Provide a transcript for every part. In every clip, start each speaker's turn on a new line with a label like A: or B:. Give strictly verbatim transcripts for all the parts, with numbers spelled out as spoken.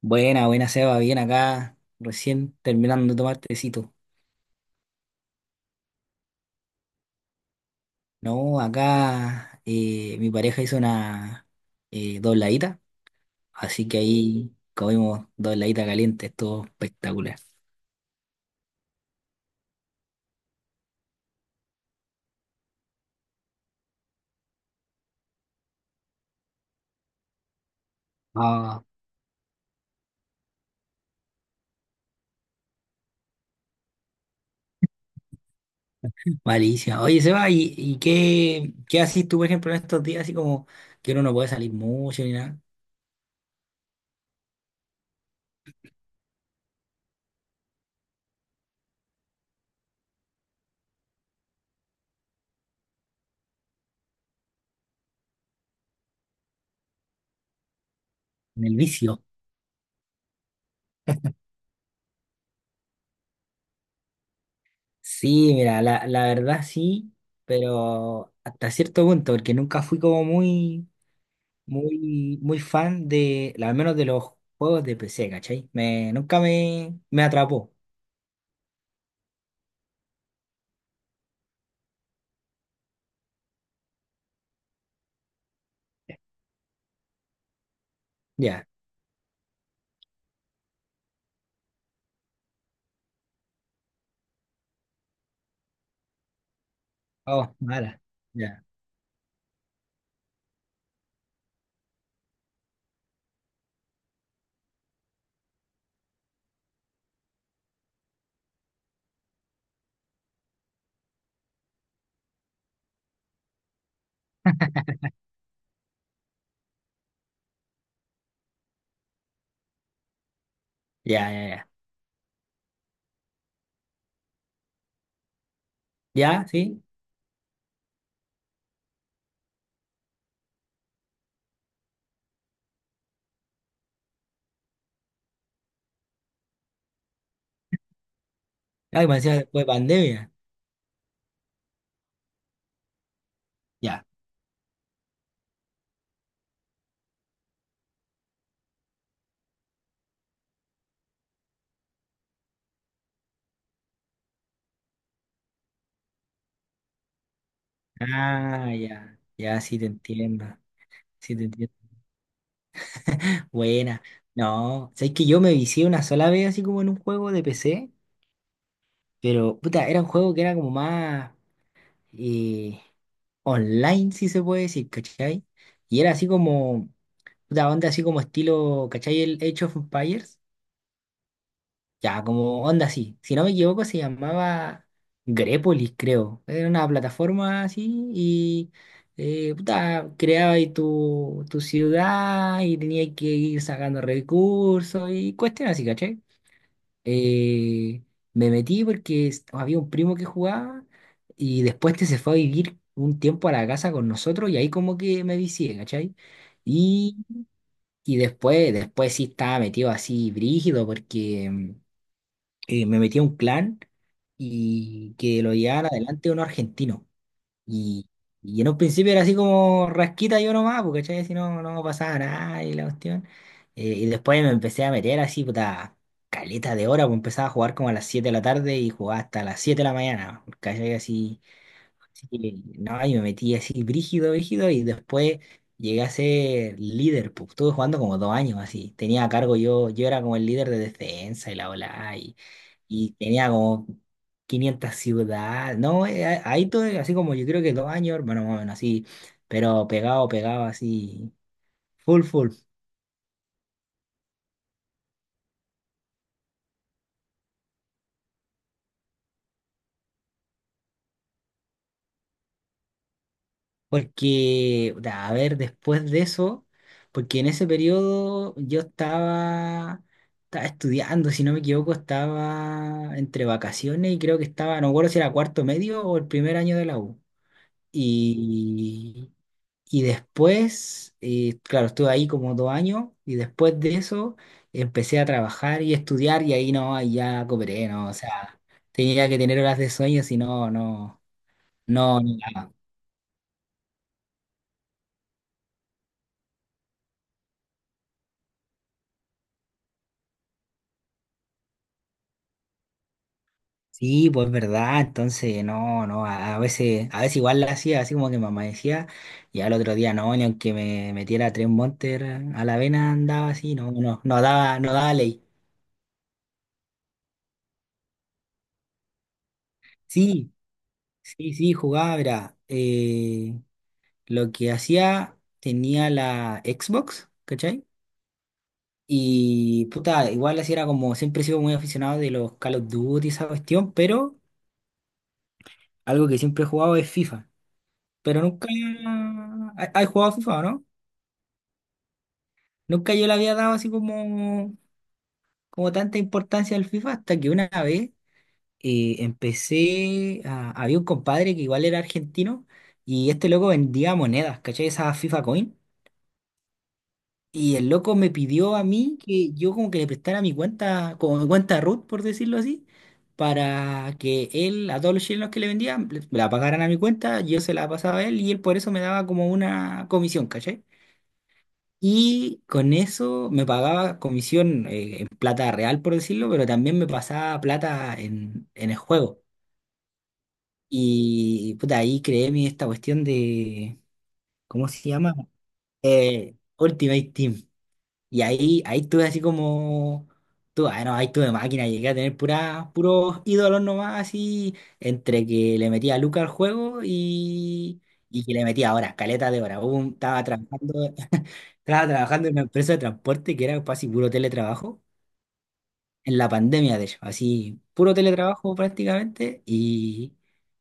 A: Buena, buena Seba, bien acá, recién terminando de tomar tecito. No, acá eh, mi pareja hizo una eh, dobladita, así que ahí comimos dobladita caliente, estuvo espectacular. Ah, malísima. Oye Seba, ¿y, y qué, qué haces tú, por ejemplo, en estos días, así como que uno no puede salir mucho ni nada? En el vicio. Sí, mira, la, la verdad sí, pero hasta cierto punto, porque nunca fui como muy muy, muy fan de, al menos de los juegos de P C, ¿cachai? Me, nunca me, me atrapó. Ya. Oh, mala. Ya, ya, ya, ya. Ya, sí. Ay, me decía después de pandemia. Ya. Ah, ya. Ya, sí te entiendo. Sí te entiendo. Buena. No, sabes que yo me vicié una sola vez así como en un juego de P C, pero puta, era un juego que era como más eh, online, si se puede decir, ¿cachai? Y era así como puta, onda así como estilo, ¿cachai? El Age of Empires. Ya, como onda así. Si no me equivoco, se llamaba Grepolis, creo. Era una plataforma así y eh, puta, creaba ahí tu, tu ciudad y tenía que ir sacando recursos y cuestiones así, ¿cachai? Eh, me metí porque es- había un primo que jugaba y después te se fue a vivir un tiempo a la casa con nosotros y ahí como que me vicié, ¿cachai? Y después, después sí estaba metido así brígido porque mm, eh, me metí a un clan y que lo llevaban adelante unos argentinos. Y, y en un principio era así como rasquita yo nomás, porque ¿cachai? Si no, no pasaba nada y la cuestión. Eh, y después me empecé a meter así, puta, caleta de hora, pues empezaba a jugar como a las siete de la tarde y jugaba hasta las siete de la mañana, ¿cachai? Así sí, no, y me metí así brígido, brígido, y después llegué a ser líder, pues estuve jugando como dos años así, tenía a cargo yo, yo era como el líder de defensa y la ola y, y tenía como quinientas ciudades, no, eh, ah- ahí todo, así como yo creo que dos años, bueno, más o menos así, pero pegado, pegado así, full, full. Porque, da, a ver, después de eso, porque en ese periodo yo estaba, estaba estudiando, si no me equivoco, estaba entre vacaciones y creo que estaba, no me acuerdo si era cuarto medio o el primer año de la U. Y, y después, eh, claro, estuve ahí como dos años y después de eso empecé a trabajar y estudiar y ahí no, ahí ya cooperé, ¿no? O sea, tenía que tener horas de sueño, si no, no, no. Sí, pues verdad, entonces no, no, a, a veces, a veces igual la hacía, así como que me amanecía, y al otro día no, ni aunque me metiera tres Monster a la vena andaba así, no, no, no daba, no daba ley. Sí, sí, sí, jugaba, era, eh, lo que hacía, tenía la Xbox, ¿cachai? Y puta, igual así era como, siempre he sido muy aficionado de los Call of Duty, y esa cuestión, pero algo que siempre he jugado es FIFA, pero nunca, ¿has jugado FIFA, o no? Nunca yo le había dado así como, como tanta importancia al FIFA hasta que una vez eh, empecé a- había un compadre que igual era argentino y este loco vendía monedas, ¿cachai? Esa FIFA Coin. Y el loco me pidió a mí que yo como que le prestara mi cuenta, como mi cuenta root, por decirlo así, para que él, a todos los chilenos que le vendían, le- la pagaran a mi cuenta, yo se la pasaba a él y él por eso me daba como una comisión, ¿cachai? Y con eso me pagaba comisión eh, en plata real, por decirlo, pero también me pasaba plata en, en el juego. Y puta, ahí creé mi, esta cuestión de, ¿cómo se llama? Eh, Ultimate Team. Y ahí, ahí tuve así como, tu, ah, no, ahí tuve máquina, llegué a tener pura, puros ídolos nomás, así, entre que le metía Luca al juego y, y que le metía horas, caleta de horas. Hubo un- Estaba trabajando. Estaba trabajando en una empresa de transporte que era casi puro teletrabajo, en la pandemia de hecho, así puro teletrabajo prácticamente y,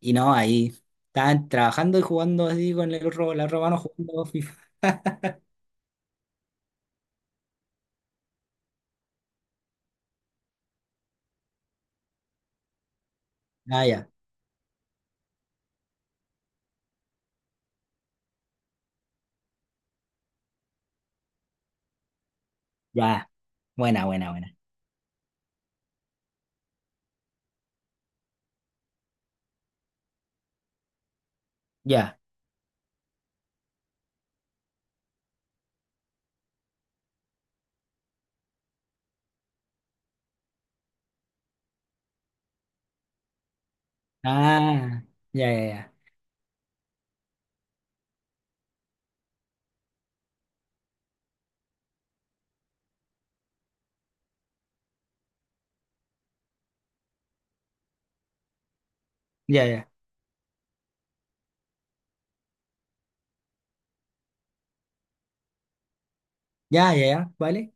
A: y no, ahí estaban trabajando y jugando así con el otro, la otra mano jugando FIFA. Ah, ya, ya, buena, buena, buena, ya, ah, ya, ya, ya, ya, ya, ya, ya, ya, ¿vale?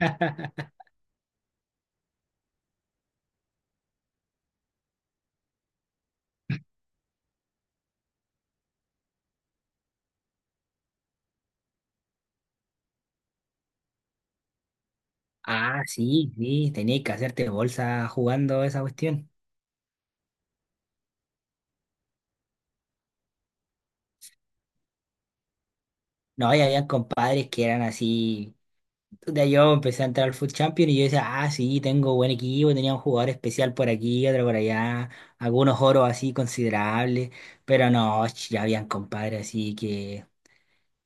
A: Ah, sí, sí, tenías que hacerte bolsa jugando esa cuestión. No, y había compadres que eran así. Puta, yo empecé a entrar al Food Champions y yo decía, ah, sí, tengo buen equipo, tenía un jugador especial por aquí, otro por allá, algunos oros así considerables, pero no, ch, ya habían compadres así que,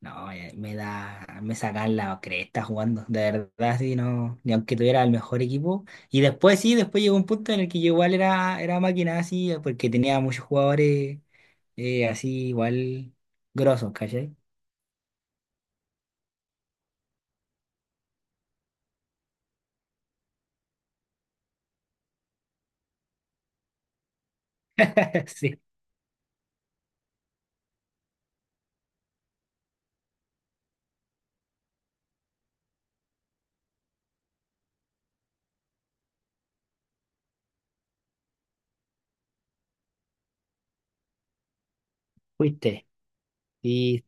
A: no, eh, me da, me sacan la cresta jugando, de verdad, sí, no, ni aunque tuviera el mejor equipo. Y después sí, después llegó un punto en el que yo igual era, era máquina así, porque tenía muchos jugadores eh, así igual grosos, ¿cachai? Sí, fuiste. Y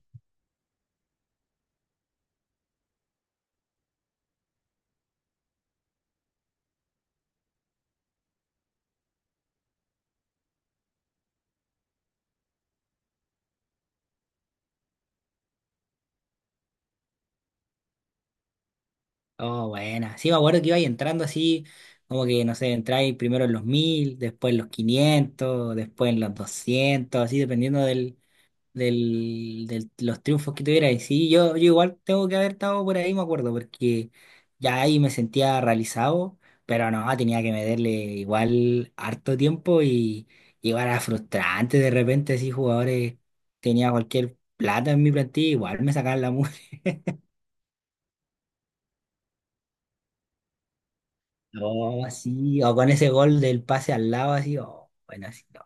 A: oh, buena. Sí, me acuerdo que iba ahí entrando así, como que, no sé, entráis primero en los mil después en los quinientos después en los doscientos así dependiendo del, del, del- los triunfos que tuvierais. Sí, yo, yo igual tengo que haber estado por ahí, me acuerdo, porque ya ahí me sentía realizado, pero no, tenía que meterle igual harto tiempo y y igual era frustrante de repente, así jugadores, tenía cualquier plata en mi plantilla, igual me sacaban la no, así, o con ese gol del pase al lado, así, o bueno, así, no.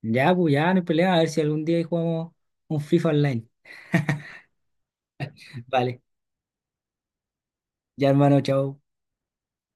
A: Ya, pues ya, no hay pelea, a ver si algún día ahí jugamos un FIFA online. Vale, ya hermano, chao.